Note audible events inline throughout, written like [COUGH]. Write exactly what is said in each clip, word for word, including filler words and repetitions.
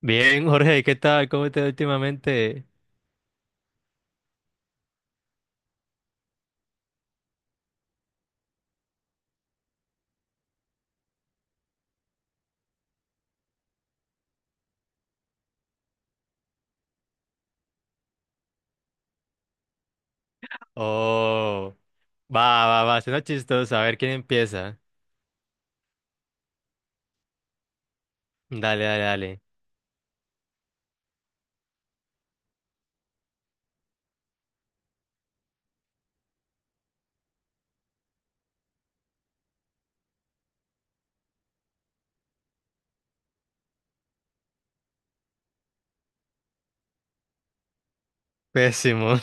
Bien, Jorge, ¿qué tal? ¿Cómo te va últimamente? Oh, va, va, va, suena chistoso. A ver quién empieza. Dale, dale, dale. Pésimo,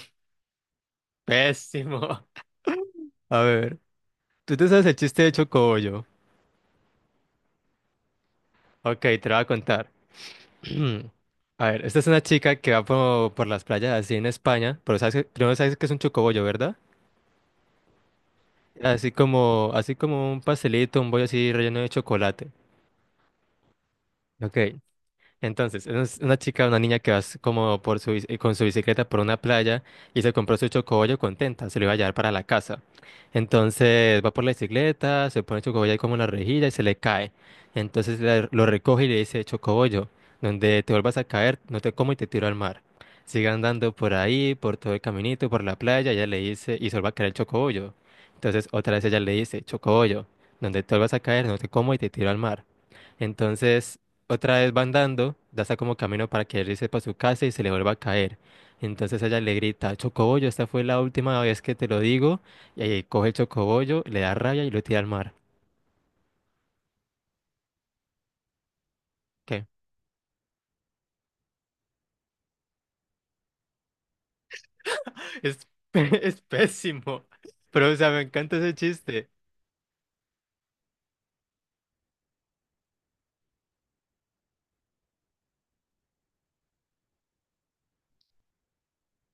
[LAUGHS] pésimo. A ver, tú te sabes el chiste de Chocobollo. Ok, te lo voy a contar. [CLEARS THROAT] A ver, esta es una chica que va por, por las playas así en España, pero sabes, que- primero sabes que es un chocobollo, ¿verdad? Así como, así como un pastelito, un bollo así relleno de chocolate. Ok. Entonces, es una chica, una niña que va s- como por su, bici- con su bicicleta por una playa y se compró su chocobollo contenta, se lo iba a llevar para la casa. Entonces va por la bicicleta, se pone el chocobollo ahí como en la rejilla y se le cae. Entonces la- lo recoge y le dice, chocobollo, donde te vuelvas a caer, no te como y te tiro al mar. Sigue andando por ahí, por todo el caminito, por la playa, ella le dice, y se vuelve a caer el chocobollo. Entonces otra vez ella le dice, chocobollo, donde te vuelvas a caer, no te como y te tiro al mar. Entonces otra vez va andando, ya está como camino para que él irse para su casa y se le vuelva a caer. Entonces ella le grita, Chocobollo, esta fue la última vez que te lo digo. Y ahí coge el chocobollo, le da rabia y lo tira al mar. ¿Qué? Es, pe- [LAUGHS] es pésimo. Pero, o sea, me encanta ese chiste.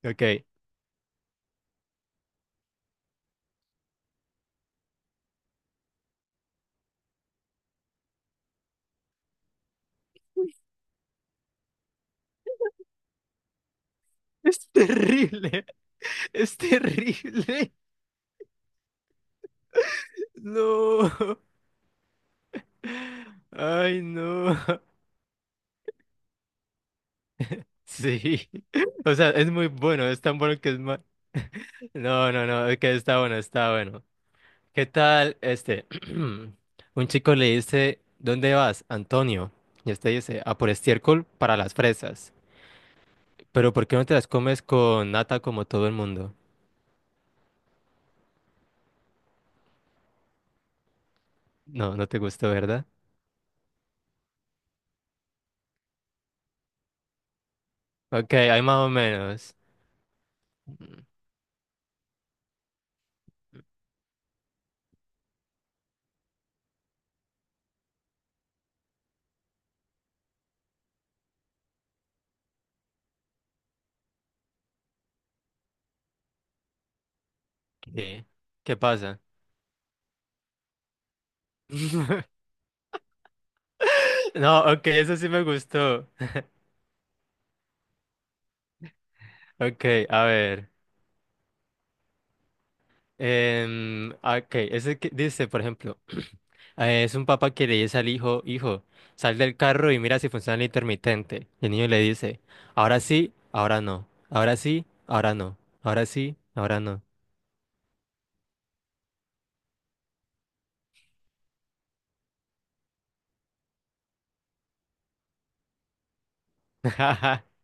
Ok. Es terrible. [LAUGHS] Es terrible. No. Ay, no. [LAUGHS] Sí. O sea, es muy bueno. Es tan bueno que es mal. [LAUGHS] No, no, no. Es que está bueno, está bueno. ¿Qué tal? Este, [CLEARS THROAT] un chico le dice, ¿dónde vas, Antonio? Y este dice, a por estiércol para las fresas. Pero ¿por qué no te las comes con nata como todo el mundo? No, no te gustó, ¿verdad? Ok, hay más o menos. ¿Qué, ¿Qué pasa? [LAUGHS] No, ok, eso sí me gustó. Ok, a ver. Em, ah, ok, ese que dice, por ejemplo, [CLEARS THROAT] eh, es un papá que le dice al hijo, hijo, sal del carro y mira si funciona el intermitente. Y el niño le dice, ahora sí, ahora no, ahora sí, ahora no, ahora sí, ahora no. [LAUGHS]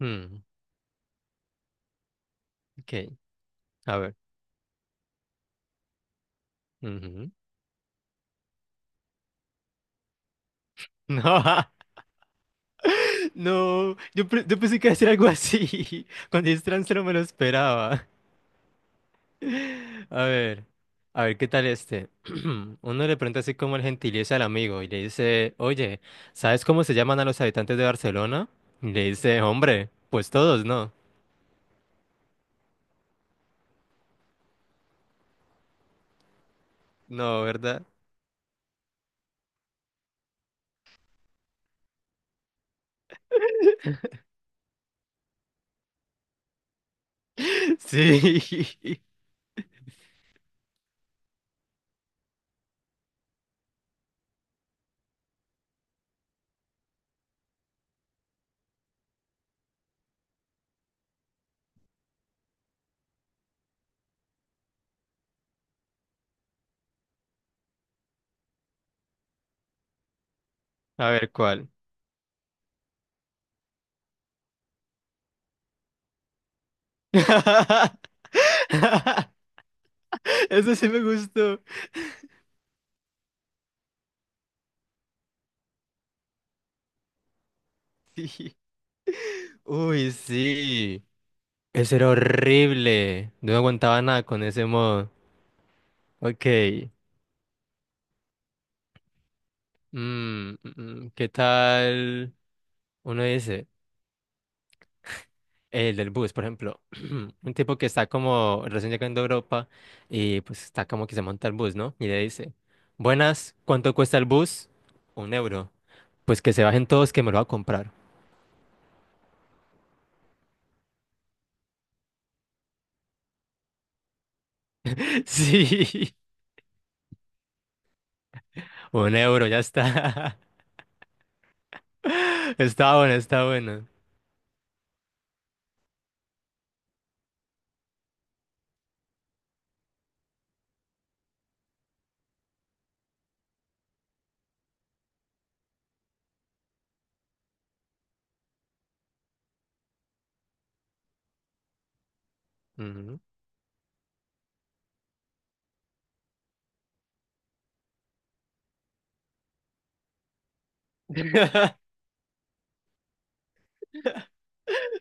Hmm, ok, a ver. Ujú. [LAUGHS] No, [LAUGHS] no, yo, pe- yo pensé que iba a decir algo así. [LAUGHS] Cuando dijiste trans no me lo esperaba. [LAUGHS] A ver, a ver, ¿qué tal este? [CLEARS THROAT] Uno le pregunta así como el gentilicio al amigo y le dice, oye, ¿sabes cómo se llaman a los habitantes de Barcelona? Y le dice, hombre, pues todos, ¿no? No, ¿verdad? [LAUGHS] Sí. A ver, ¿cuál? [LAUGHS] Eso sí me gustó. [LAUGHS] Sí. Uy, sí. Ese era horrible. No aguantaba nada con ese modo. Ok. Mm, mm, mm. ¿Qué tal? Uno dice. El del bus, por ejemplo, [CLEARS THROAT] un tipo que está como recién llegando a Europa y pues está como que se monta el bus, ¿no? Y le dice, buenas, ¿cuánto cuesta el bus? Un euro. Pues que se bajen todos que me lo va a comprar. [LAUGHS] Sí, un euro, ya está. [LAUGHS] Está bueno, está bueno. Ujú. [LAUGHS]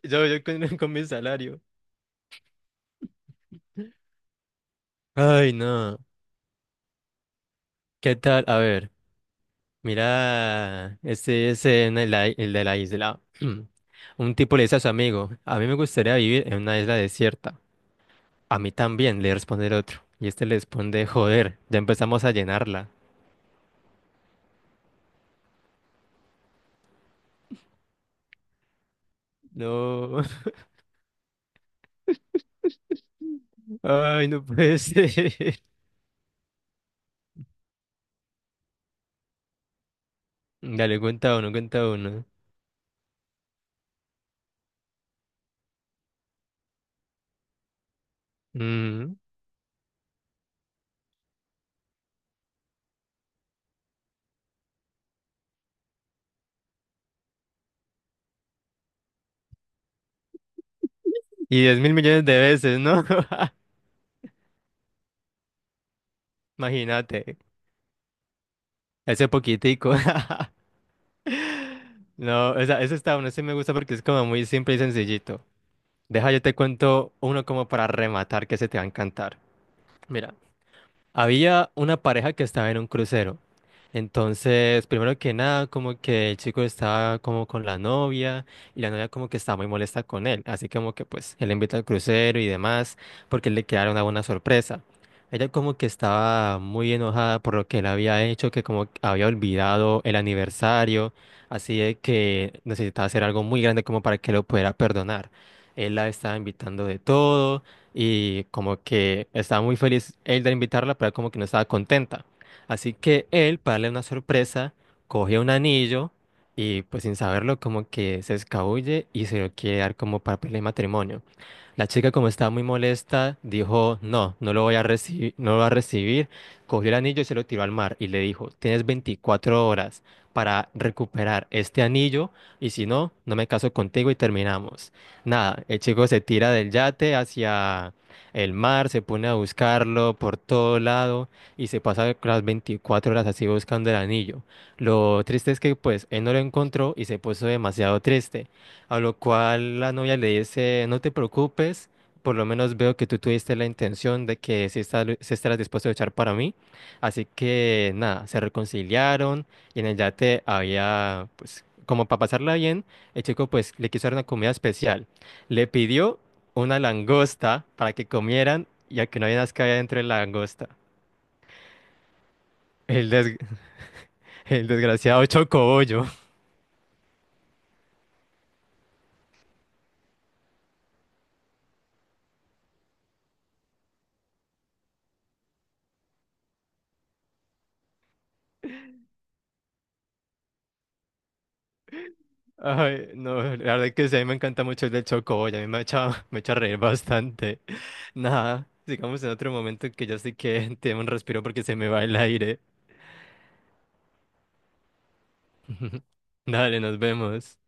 Yo, yo con, con mi salario. Ay, no. ¿Qué tal? A ver. Mira, este es en el, ai- el de la isla. [CLEARS THROAT] Un tipo le dice a su amigo, a mí me gustaría vivir en una isla desierta. A mí también, le responde el otro. Y este le responde, joder, ya empezamos a llenarla. No, [LAUGHS] ay, no puede ser. [LAUGHS] Dale, cuenta uno, cuenta uno. Mm, Y diez mil millones de veces, ¿no? [LAUGHS] Imagínate, ese poquitico. [LAUGHS] No, esa, ese está, uno sí me gusta porque es como muy simple y sencillito. Deja, yo te cuento uno como para rematar que se te va a encantar. Mira, había una pareja que estaba en un crucero. Entonces, primero que nada, como que el chico estaba como con la novia y la novia como que estaba muy molesta con él. Así como que pues él le invita al crucero y demás porque le quedaron una buena sorpresa. Ella como que estaba muy enojada por lo que él había hecho, que como que había olvidado el aniversario, así de que necesitaba hacer algo muy grande como para que lo pudiera perdonar. Él la estaba invitando de todo y como que estaba muy feliz él de invitarla, pero como que no estaba contenta. Así que él, para darle una sorpresa, coge un anillo y pues sin saberlo como que se escabulle y se lo quiere dar como papel de matrimonio. La chica, como estaba muy molesta, dijo, no, no lo voy a recibir, no lo va a recibir. Cogió el anillo y se lo tiró al mar y le dijo, tienes veinticuatro horas para recuperar este anillo y si no, no me caso contigo y terminamos. Nada, el chico se tira del yate hacia el mar, se pone a buscarlo por todo lado y se pasa las veinticuatro horas así buscando el anillo. Lo triste es que pues él no lo encontró y se puso demasiado triste. A lo cual la novia le dice, no te preocupes, por lo menos veo que tú tuviste la intención de que sí, está, sí estarás dispuesto a luchar para mí. Así que nada, se reconciliaron y en el yate había, pues, como para pasarla bien, el chico pues le quiso dar una comida especial. Le pidió una langosta para que comieran, y a que no había nada que había dentro de la langosta. El, des- [LAUGHS] el desgraciado chocobollo. Ay, no, la verdad que sí, a mí me encanta mucho el del Chocoboy, a mí me echa, [LAUGHS] me echa a reír bastante. [LAUGHS] Nada, sigamos en otro momento que ya sí que [LAUGHS] tengo un respiro porque se me va el aire. [LAUGHS] Dale, nos vemos.